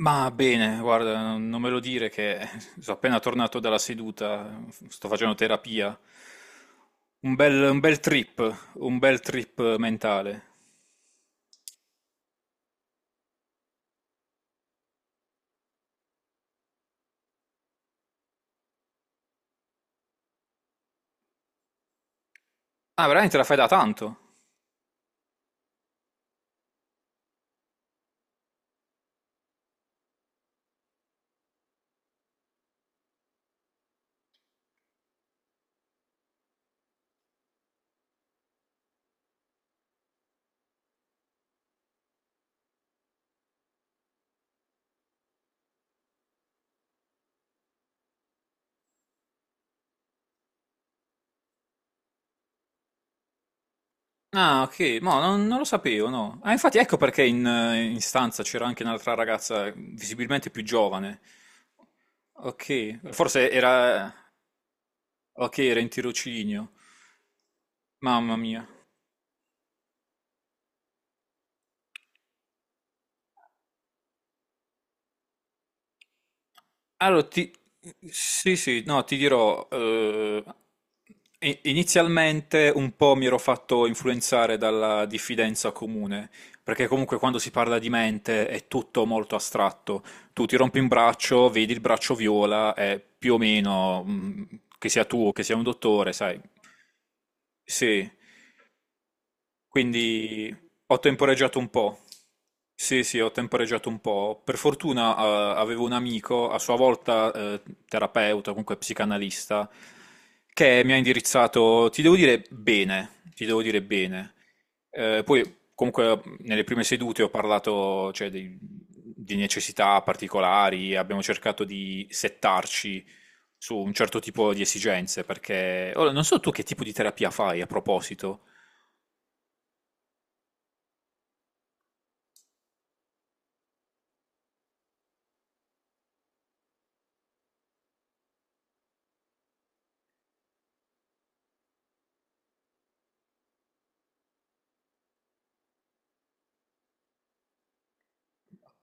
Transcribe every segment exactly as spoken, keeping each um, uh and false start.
Ma bene, guarda, non me lo dire che sono appena tornato dalla seduta, sto facendo terapia. Un bel, un bel trip, un bel trip mentale. Ah, veramente la fai da tanto? Ah, ok, no, non, non lo sapevo, no. Ah, infatti ecco perché in, eh, in stanza c'era anche un'altra ragazza visibilmente più giovane. Ok, forse era... Ok, era in tirocinio. Mamma mia. Allora, ti... sì, sì, no, ti dirò, eh, i- inizialmente un po' mi ero fatto influenzare dalla diffidenza comune, perché comunque quando si parla di mente è tutto molto astratto. Tu ti rompi un braccio, vedi il braccio viola, e più o meno, mm, che sia tu o che sia un dottore, sai, sì. Quindi ho temporeggiato un po'. Sì, sì, ho temporeggiato un po'. Per fortuna, eh, avevo un amico, a sua volta, eh, terapeuta, comunque psicanalista, che mi ha indirizzato, ti devo dire bene, ti devo dire bene. Eh, poi, comunque, nelle prime sedute ho parlato, cioè, dei- di necessità particolari, abbiamo cercato di settarci su un certo tipo di esigenze, perché... Ora, non so tu che tipo di terapia fai a proposito.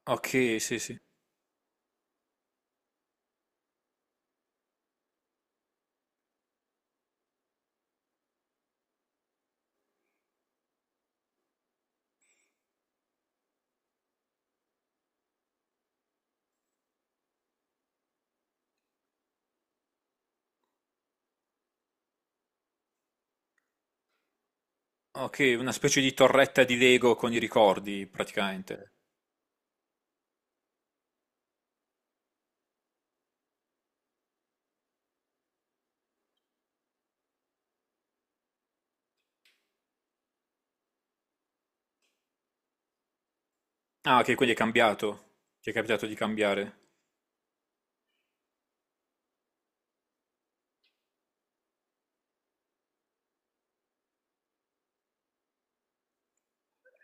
Okay, sì, sì. Okay, una specie di torretta di Lego con i ricordi, praticamente. Ah, okay, quindi hai cambiato. Ti è capitato di cambiare.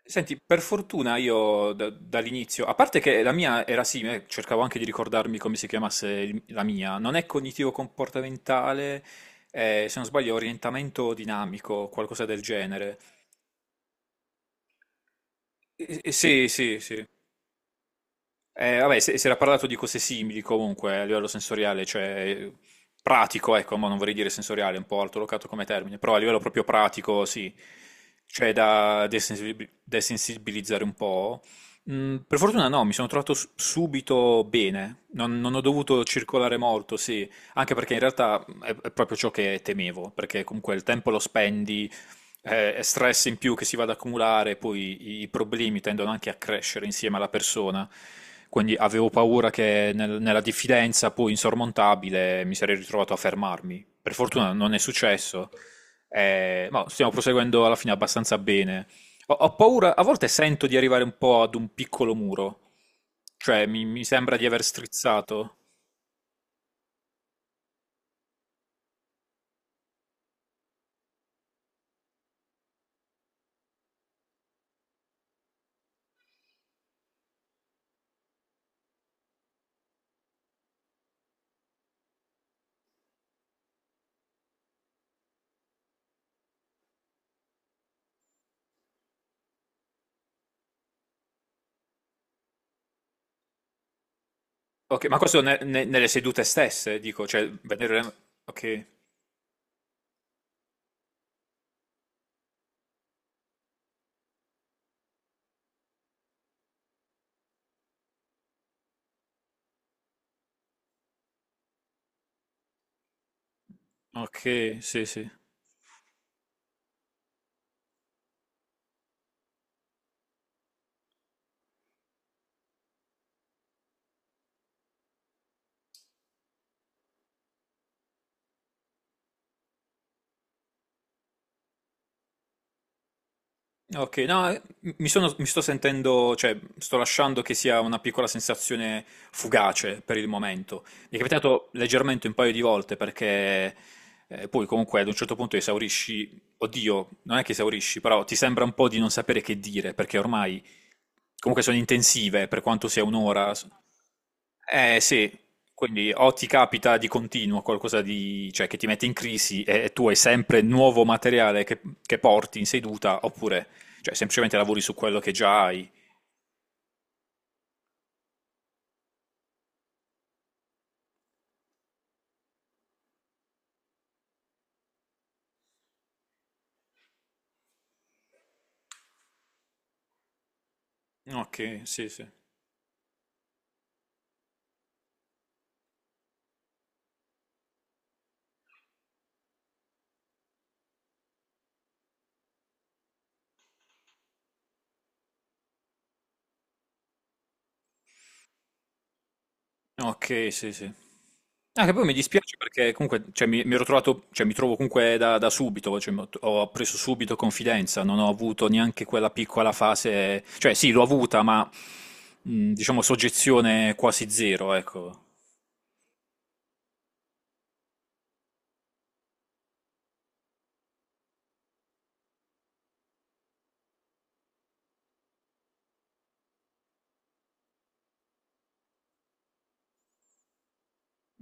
Senti, per fortuna io da- dall'inizio, a parte che la mia era simile, cercavo anche di ricordarmi come si chiamasse il- la mia, non è cognitivo-comportamentale, eh, se non sbaglio, orientamento dinamico, qualcosa del genere. Eh, eh, sì, sì, sì. Eh, vabbè, se- si era parlato di cose simili comunque eh, a livello sensoriale, cioè pratico, ecco, ma non vorrei dire sensoriale, è un po' altolocato come termine, però a livello proprio pratico, sì, cioè da desensibil- desensibilizzare un po'. Mm, per fortuna no, mi sono trovato s- subito bene, non, non ho dovuto circolare molto, sì, anche perché in realtà è, è proprio ciò che temevo, perché comunque il tempo lo spendi eh, è stress in più che si va ad accumulare, poi i i problemi tendono anche a crescere insieme alla persona. Quindi avevo paura che nel- nella diffidenza poi insormontabile mi sarei ritrovato a fermarmi. Per fortuna non è successo, eh, ma stiamo proseguendo alla fine abbastanza bene. Ho, ho paura, a volte sento di arrivare un po' ad un piccolo muro, cioè mi, mi sembra di aver strizzato. Ok, ma questo ne- ne- nelle sedute stesse, dico, cioè vedere... Ok, ok, sì, sì. Ok, no, eh, mi sono- mi sto sentendo, cioè sto lasciando che sia una piccola sensazione fugace per il momento. Mi è capitato leggermente un paio di volte perché eh, poi comunque ad un certo punto esaurisci, oddio, non è che esaurisci, però ti sembra un po' di non sapere che dire perché ormai comunque sono intensive per quanto sia un'ora. Eh sì, quindi o ti capita di continuo qualcosa di, cioè, che ti mette in crisi e tu hai sempre nuovo materiale che, che porti in seduta, oppure cioè, semplicemente lavori su quello che già hai. Ok, sì, sì. Ok, sì, sì. Ah, che poi mi dispiace perché comunque cioè, mi, mi ero trovato, cioè, mi trovo comunque da, da subito, cioè, mi ho, ho preso subito confidenza, non ho avuto neanche quella piccola fase, cioè sì, l'ho avuta, ma mh, diciamo soggezione quasi zero, ecco.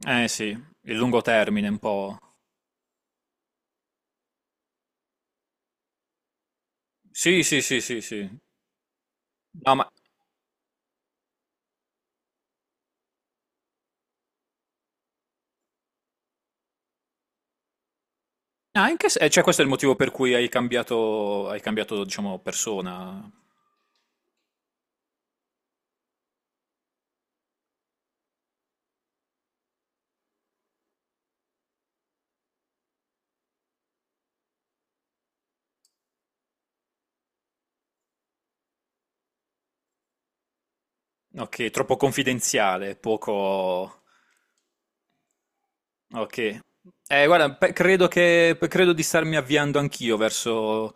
Eh sì, il lungo termine un po'. Sì, sì, sì, sì, sì. No, ma anche se... eh, cioè, questo è il motivo per cui hai cambiato, hai cambiato, diciamo, persona. Ok, troppo confidenziale, poco... Ok. Eh, guarda, pe- credo che, pe- credo di starmi avviando anch'io verso,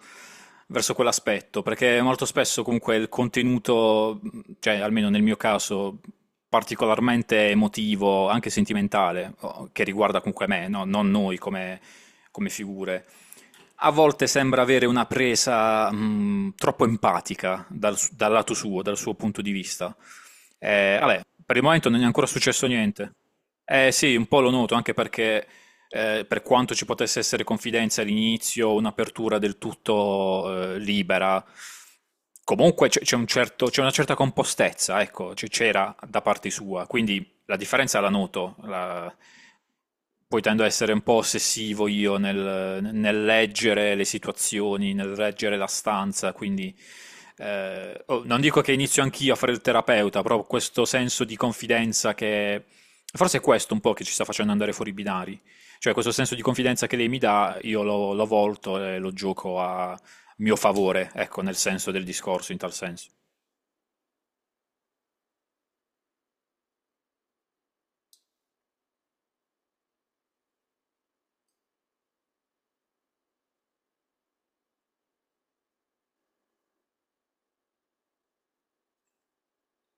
verso quell'aspetto, perché molto spesso comunque il contenuto, cioè almeno nel mio caso, particolarmente emotivo, anche sentimentale, o- che riguarda comunque me, no? Non noi come, come figure, a volte sembra avere una presa mh, troppo empatica dal, su- dal lato suo, dal suo punto di vista. Eh, vabbè, per il momento non è ancora successo niente. Eh sì, un po' lo noto, anche perché eh, per quanto ci potesse essere confidenza all'inizio, un'apertura del tutto eh, libera, comunque c'è c'è un certo- c'è una certa compostezza, ecco, c- c'era da parte sua, quindi la differenza la noto, la- poi tendo a essere un po' ossessivo io nel, nel leggere le situazioni, nel leggere la stanza, quindi eh, oh, non dico che inizio anch'io a fare il terapeuta, però questo senso di confidenza che forse è questo un po' che ci sta facendo andare fuori i binari, cioè questo senso di confidenza che lei mi dà, io lo, lo volto e lo gioco a mio favore, ecco, nel senso del discorso, in tal senso.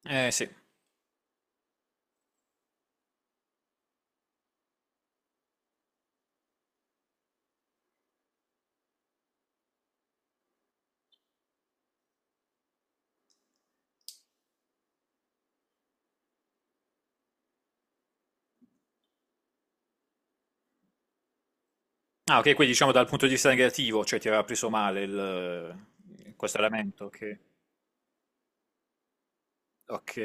Eh sì. Ah, ok, quindi diciamo dal punto di vista negativo, cioè ti aveva preso male il- eh, questo elemento, ok. Ok.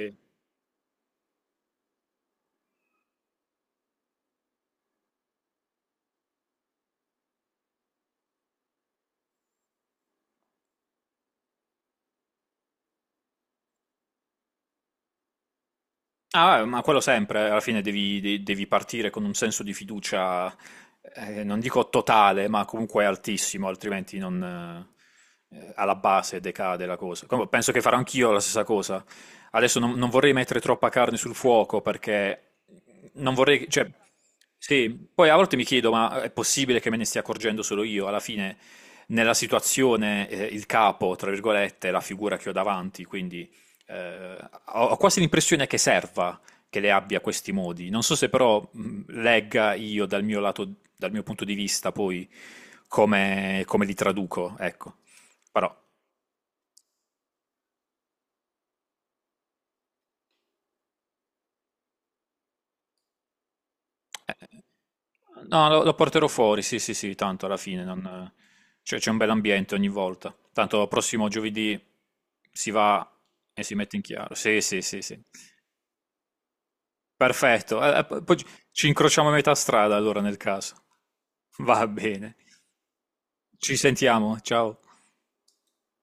Ah, eh, ma quello sempre, alla fine devi, de- devi partire con un senso di fiducia, eh, non dico totale, ma comunque altissimo, altrimenti non, eh, alla base decade la cosa. Com- penso che farò anch'io la stessa cosa. Adesso non, non vorrei mettere troppa carne sul fuoco perché non vorrei, cioè, sì, poi a volte mi chiedo, ma è possibile che me ne stia accorgendo solo io? Alla fine, nella situazione, eh, il capo, tra virgolette, è la figura che ho davanti, quindi eh, ho, ho quasi l'impressione che serva che le abbia questi modi. Non so se però mh, legga io dal mio lato, dal mio punto di vista poi come, come li traduco, ecco. Però eh, no, lo, lo porterò fuori, sì, sì, sì, tanto alla fine non- cioè, c'è un bel ambiente ogni volta. Tanto prossimo giovedì si va e si mette in chiaro. Sì, sì, sì, sì. Perfetto. Eh, eh, poi ci ci incrociamo a metà strada allora nel caso. Va bene. Ci sentiamo, ciao.